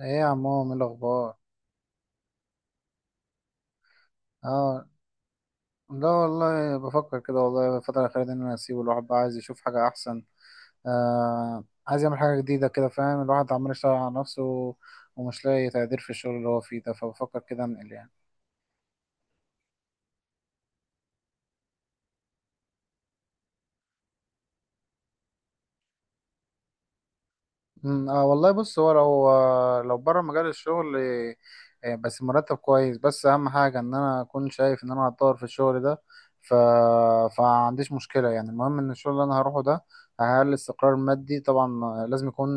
ايه يا عمو، ايه الاخبار؟ اه. لا والله بفكر كده، والله الفتره الاخيره دي ان انا اسيبه، الواحد بقى عايز يشوف حاجه احسن. آه، عايز يعمل حاجه جديده كده، فاهم، الواحد عمال يشتغل على نفسه ومش لاقي تقدير في الشغل اللي هو فيه ده، فبفكر كده انقل يعني. اه والله بص، هو لو بره مجال الشغل، آه، بس مرتب كويس، بس اهم حاجه ان انا اكون شايف ان انا هتطور في الشغل ده. ف فعنديش مشكله، يعني المهم ان الشغل اللي انا هروحه ده هيعمل لي استقرار مادي طبعا. آه، لازم يكون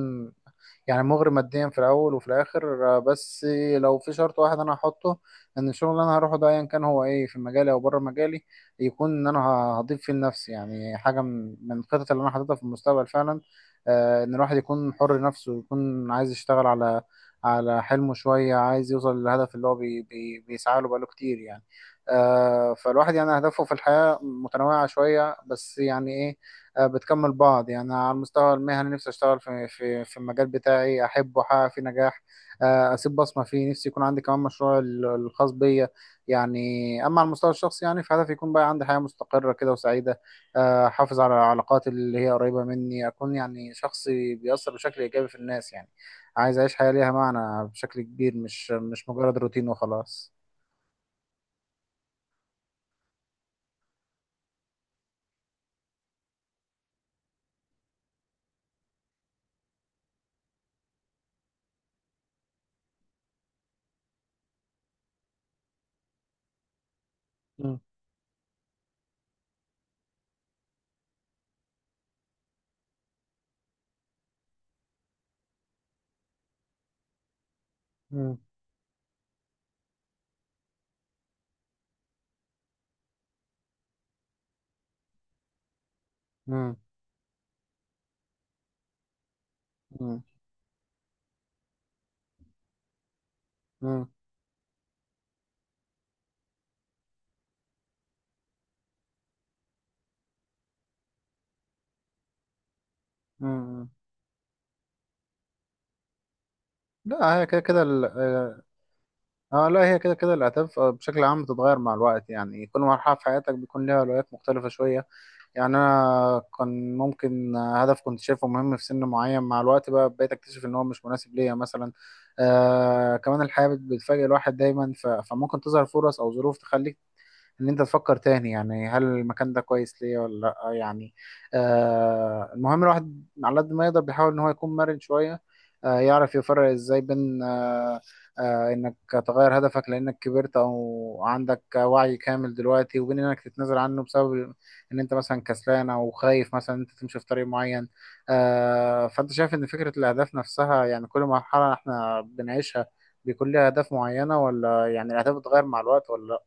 يعني مغري ماديا في الاول وفي الاخر. آه، بس لو في شرط واحد انا هحطه، ان الشغل اللي انا هروحه ده ايا كان هو ايه، في مجالي او بره مجالي، يكون ان انا هضيف فيه لنفسي يعني حاجه من الخطط اللي انا حاططها في المستقبل فعلا. آه، ان الواحد يكون حر نفسه ويكون عايز يشتغل على حلمه شوية، عايز يوصل للهدف اللي هو بي بي بيسعى له بقاله كتير يعني. آه، فالواحد يعني أهدافه في الحياة متنوعة شوية، بس يعني إيه، آه، بتكمل بعض. يعني على المستوى المهني نفسي أشتغل في في المجال بتاعي، أحبه، أحقق فيه نجاح، آه، أسيب بصمة فيه. نفسي يكون عندي كمان مشروع الخاص بيا يعني. أما على المستوى الشخصي يعني في هدفي، يكون بقى عندي حياة مستقرة كده وسعيدة، احافظ على العلاقات اللي هي قريبة مني، اكون يعني شخص بيأثر بشكل ايجابي في الناس يعني. عايز اعيش حياة ليها معنى بشكل كبير، مش مجرد روتين وخلاص. مم. مم. مم. مم. مم. مم. لا هي كده كده اه. آه، لا هي كده كده الاهداف، آه، بشكل عام بتتغير مع الوقت، يعني كل مرحلة في حياتك بيكون لها اولويات مختلفة شوية. يعني انا كان ممكن هدف كنت شايفه مهم في سن معين، مع الوقت بقى بقيت اكتشف ان هو مش مناسب ليا مثلا. آه كمان الحياة بتفاجئ الواحد دايما، فممكن تظهر فرص او ظروف تخليك ان انت تفكر تاني، يعني هل المكان ده كويس ليا ولا لا يعني. آه المهم الواحد على قد ما يقدر بيحاول ان هو يكون مرن شوية، آه يعرف يفرق ازاي بين انك تغير هدفك لانك كبرت او عندك وعي كامل دلوقتي، وبين انك تتنازل عنه بسبب ان انت مثلا كسلان او خايف مثلا انت تمشي في طريق معين. آه فانت شايف ان فكرة الاهداف نفسها، يعني كل مرحلة احنا بنعيشها بيكون ليها اهداف معينة، ولا يعني الاهداف بتتغير مع الوقت ولا لا؟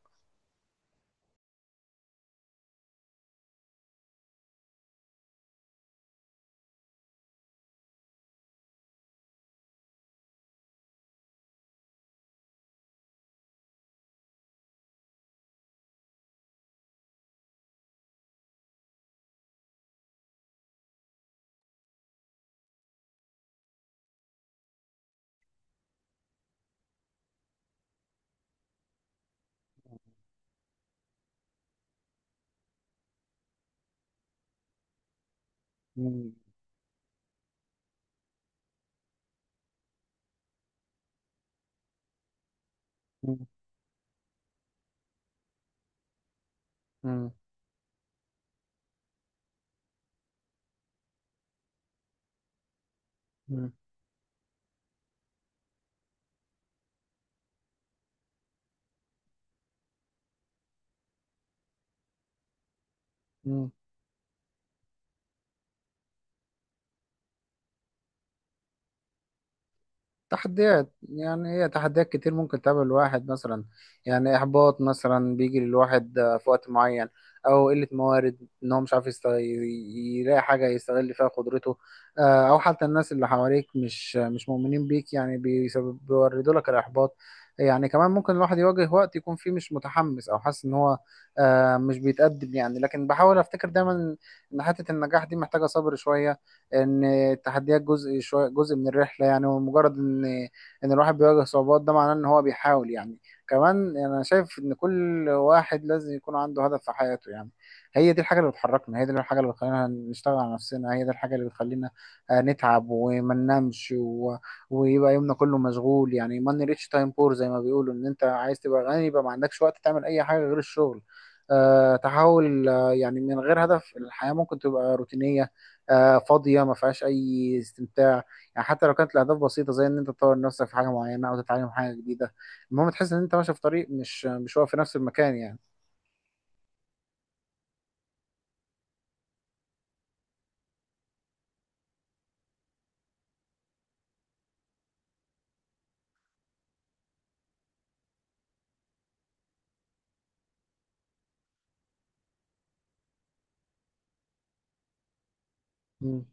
مم. مم. مم. مم. تحديات، يعني هي تحديات كتير ممكن تقابل الواحد مثلا. يعني إحباط مثلا بيجي للواحد آه، في وقت معين، أو قلة موارد إن هو مش عارف يلاقي حاجة يستغل فيها قدرته، آه، أو حتى الناس اللي حواليك مش مؤمنين بيك، يعني بيسبب بيوردوا لك الإحباط. يعني كمان ممكن الواحد يواجه وقت يكون فيه مش متحمس أو حاسس إن هو آه، مش بيتقدم يعني، لكن بحاول أفتكر دايما إن حتة النجاح دي محتاجة صبر شوية، ان التحديات جزء شويه، جزء من الرحله يعني. ومجرد ان الواحد بيواجه صعوبات ده معناه ان هو بيحاول يعني. كمان انا شايف ان كل واحد لازم يكون عنده هدف في حياته يعني. هي دي الحاجه اللي بتحركنا، هي دي الحاجه اللي بتخلينا نشتغل على نفسنا، هي دي الحاجه اللي بتخلينا آه، نتعب وما ننامش ويبقى يومنا كله مشغول. يعني ماني ريتش تايم بور، زي ما بيقولوا، ان انت عايز تبقى غني يبقى ما عندكش وقت تعمل اي حاجه غير الشغل. أه تحاول، آه، يعني من غير هدف الحياه ممكن تبقى روتينيه، آه، فاضيه، ما فيهاش اي استمتاع. يعني حتى لو كانت الاهداف بسيطه زي ان انت تطور نفسك في حاجه معينه او تتعلم حاجه جديده، المهم تحس ان انت ماشي في طريق، مش واقف في نفس المكان يعني. امم.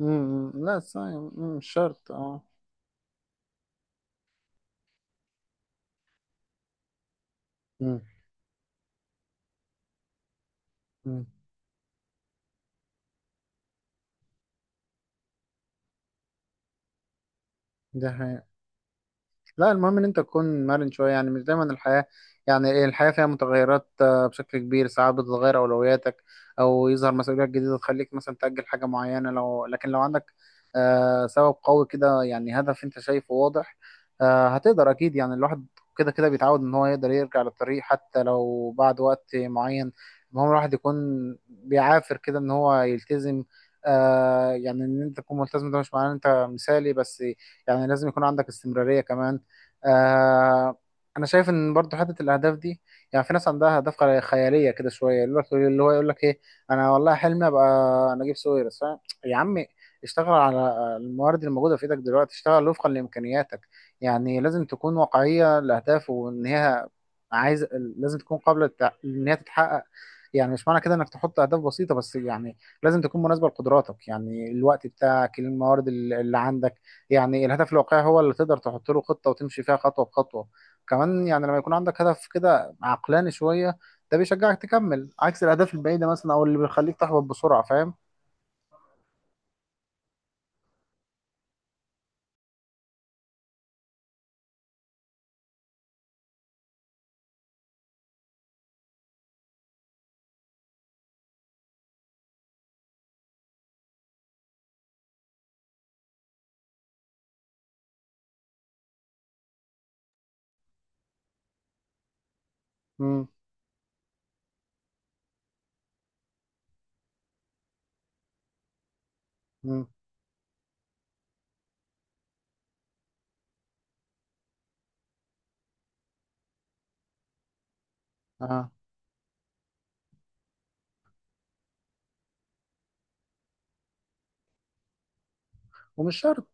امم. لا صحيح. مم، مش شرط اه. امم. امم. ده حقيقة. لا المهم ان انت تكون مرن شويه، يعني مش دايما الحياه، يعني إيه، الحياه فيها متغيرات آه، بشكل كبير. ساعات بتتغير اولوياتك او يظهر مسؤوليات جديده تخليك مثلا تاجل حاجه معينه، لكن لو عندك آه، سبب قوي كده يعني هدف انت شايفه واضح، آه، هتقدر اكيد. يعني الواحد كده كده بيتعود ان هو يقدر يرجع للطريق حتى لو بعد وقت معين. المهم الواحد يكون بيعافر كده ان هو يلتزم. آه يعني ان انت تكون ملتزم ده مش معناه ان انت مثالي بس، يعني لازم يكون عندك استمرارية كمان. آه انا شايف ان برضو حته الاهداف دي، يعني في ناس عندها اهداف خياليه كده شويه، يقول لك ايه، انا والله حلمي ابقى نجيب ساويرس. فاهم؟ يا عمي، اشتغل على الموارد الموجوده في ايدك دلوقتي، اشتغل وفقا لامكانياتك، يعني لازم تكون واقعيه الاهداف، وان هي عايز لازم تكون قابله ان هي تتحقق. يعني مش معنى كده انك تحط اهداف بسيطه بس، يعني لازم تكون مناسبه لقدراتك، يعني الوقت بتاعك، الموارد اللي عندك. يعني الهدف الواقعي هو اللي تقدر تحط له خطة وتمشي فيها خطوة بخطوة. كمان يعني لما يكون عندك هدف كده عقلاني شوية، ده بيشجعك تكمل عكس الأهداف البعيدة مثلا، أو اللي بيخليك تحبط بسرعة. فاهم؟ امم. امم. اه. ومش شرط.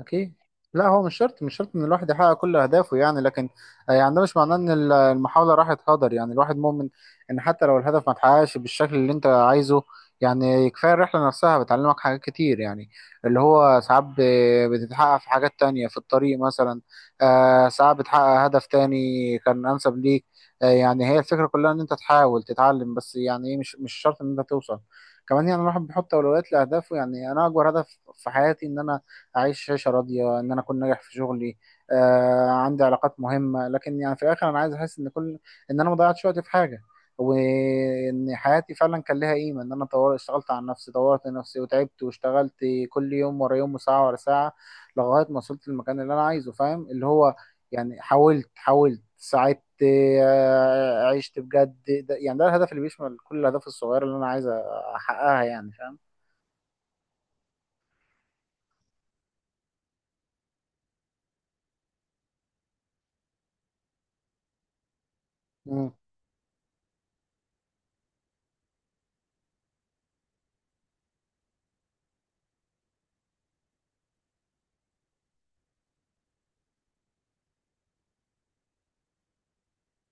أكيد. لا هو مش شرط، مش شرط إن الواحد يحقق كل أهدافه يعني، لكن آه، يعني ده مش معناه إن المحاولة راحت هدر، يعني الواحد مؤمن إن حتى لو الهدف ما اتحققش بالشكل اللي أنت عايزه، يعني كفاية الرحلة نفسها بتعلمك حاجات كتير يعني. اللي هو ساعات بتتحقق في حاجات تانية في الطريق مثلا، آه، ساعات بتحقق هدف تاني كان أنسب ليك. آه، يعني هي الفكرة كلها إن أنت تحاول تتعلم، بس يعني إيه، مش شرط إن أنت توصل. كمان يعني الواحد بيحط أولويات لأهدافه، يعني أنا أكبر هدف في حياتي إن أنا اعيش عيشه راضيه، ان انا اكون ناجح في شغلي، آه عندي علاقات مهمه. لكن يعني في الاخر انا عايز احس ان ان انا ما ضيعتش وقتي في حاجه، وان حياتي فعلا كان لها قيمه، ان انا طور اشتغلت على نفسي، طورت نفسي وتعبت واشتغلت، كل يوم ورا يوم وساعه ورا ساعه، لغايه ما وصلت للمكان اللي انا عايزه. فاهم؟ اللي هو يعني حاولت، حاولت ساعدت آه، عشت بجد. ده يعني ده الهدف اللي بيشمل كل الاهداف الصغيره اللي انا عايز احققها يعني. فاهم؟ مم.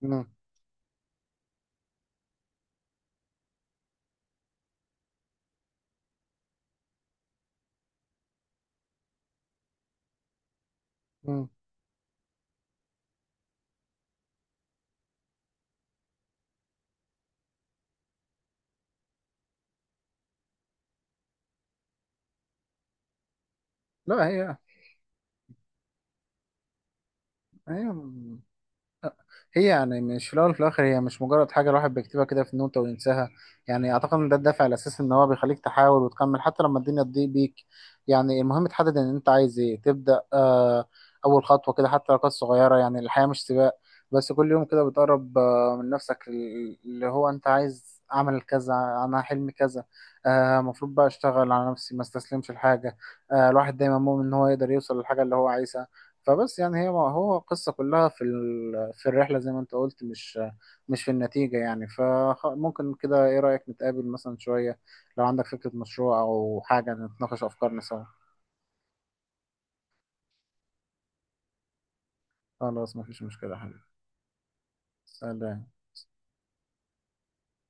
مم. مم. لا هي ايوه. هي يعني مش في الاول وفي الاخر، هي مش مجرد حاجه الواحد بيكتبها كده في نوتة وينساها. يعني اعتقد ان ده الدافع الاساسي ان هو بيخليك تحاول وتكمل حتى لما الدنيا تضيق بيك. يعني المهم تحدد ان انت عايز ايه، تبدا آه، اول خطوه كده حتى لو كانت صغيره. يعني الحياه مش سباق، بس كل يوم كده بتقرب آه من نفسك، اللي هو انت عايز اعمل كذا، انا حلمي كذا. آه المفروض بقى اشتغل على نفسي، ما استسلمش لحاجه. آه الواحد دايما مؤمن ان هو يقدر يوصل للحاجه اللي هو عايزها. فبس يعني هي هو القصة كلها في في الرحلة زي ما انت قلت، مش في النتيجة يعني. فممكن كده، ايه رأيك نتقابل مثلا شوية، لو عندك فكرة مشروع او حاجة، نتناقش افكارنا سوا. خلاص مفيش مشكلة يا حبيبي. سلام.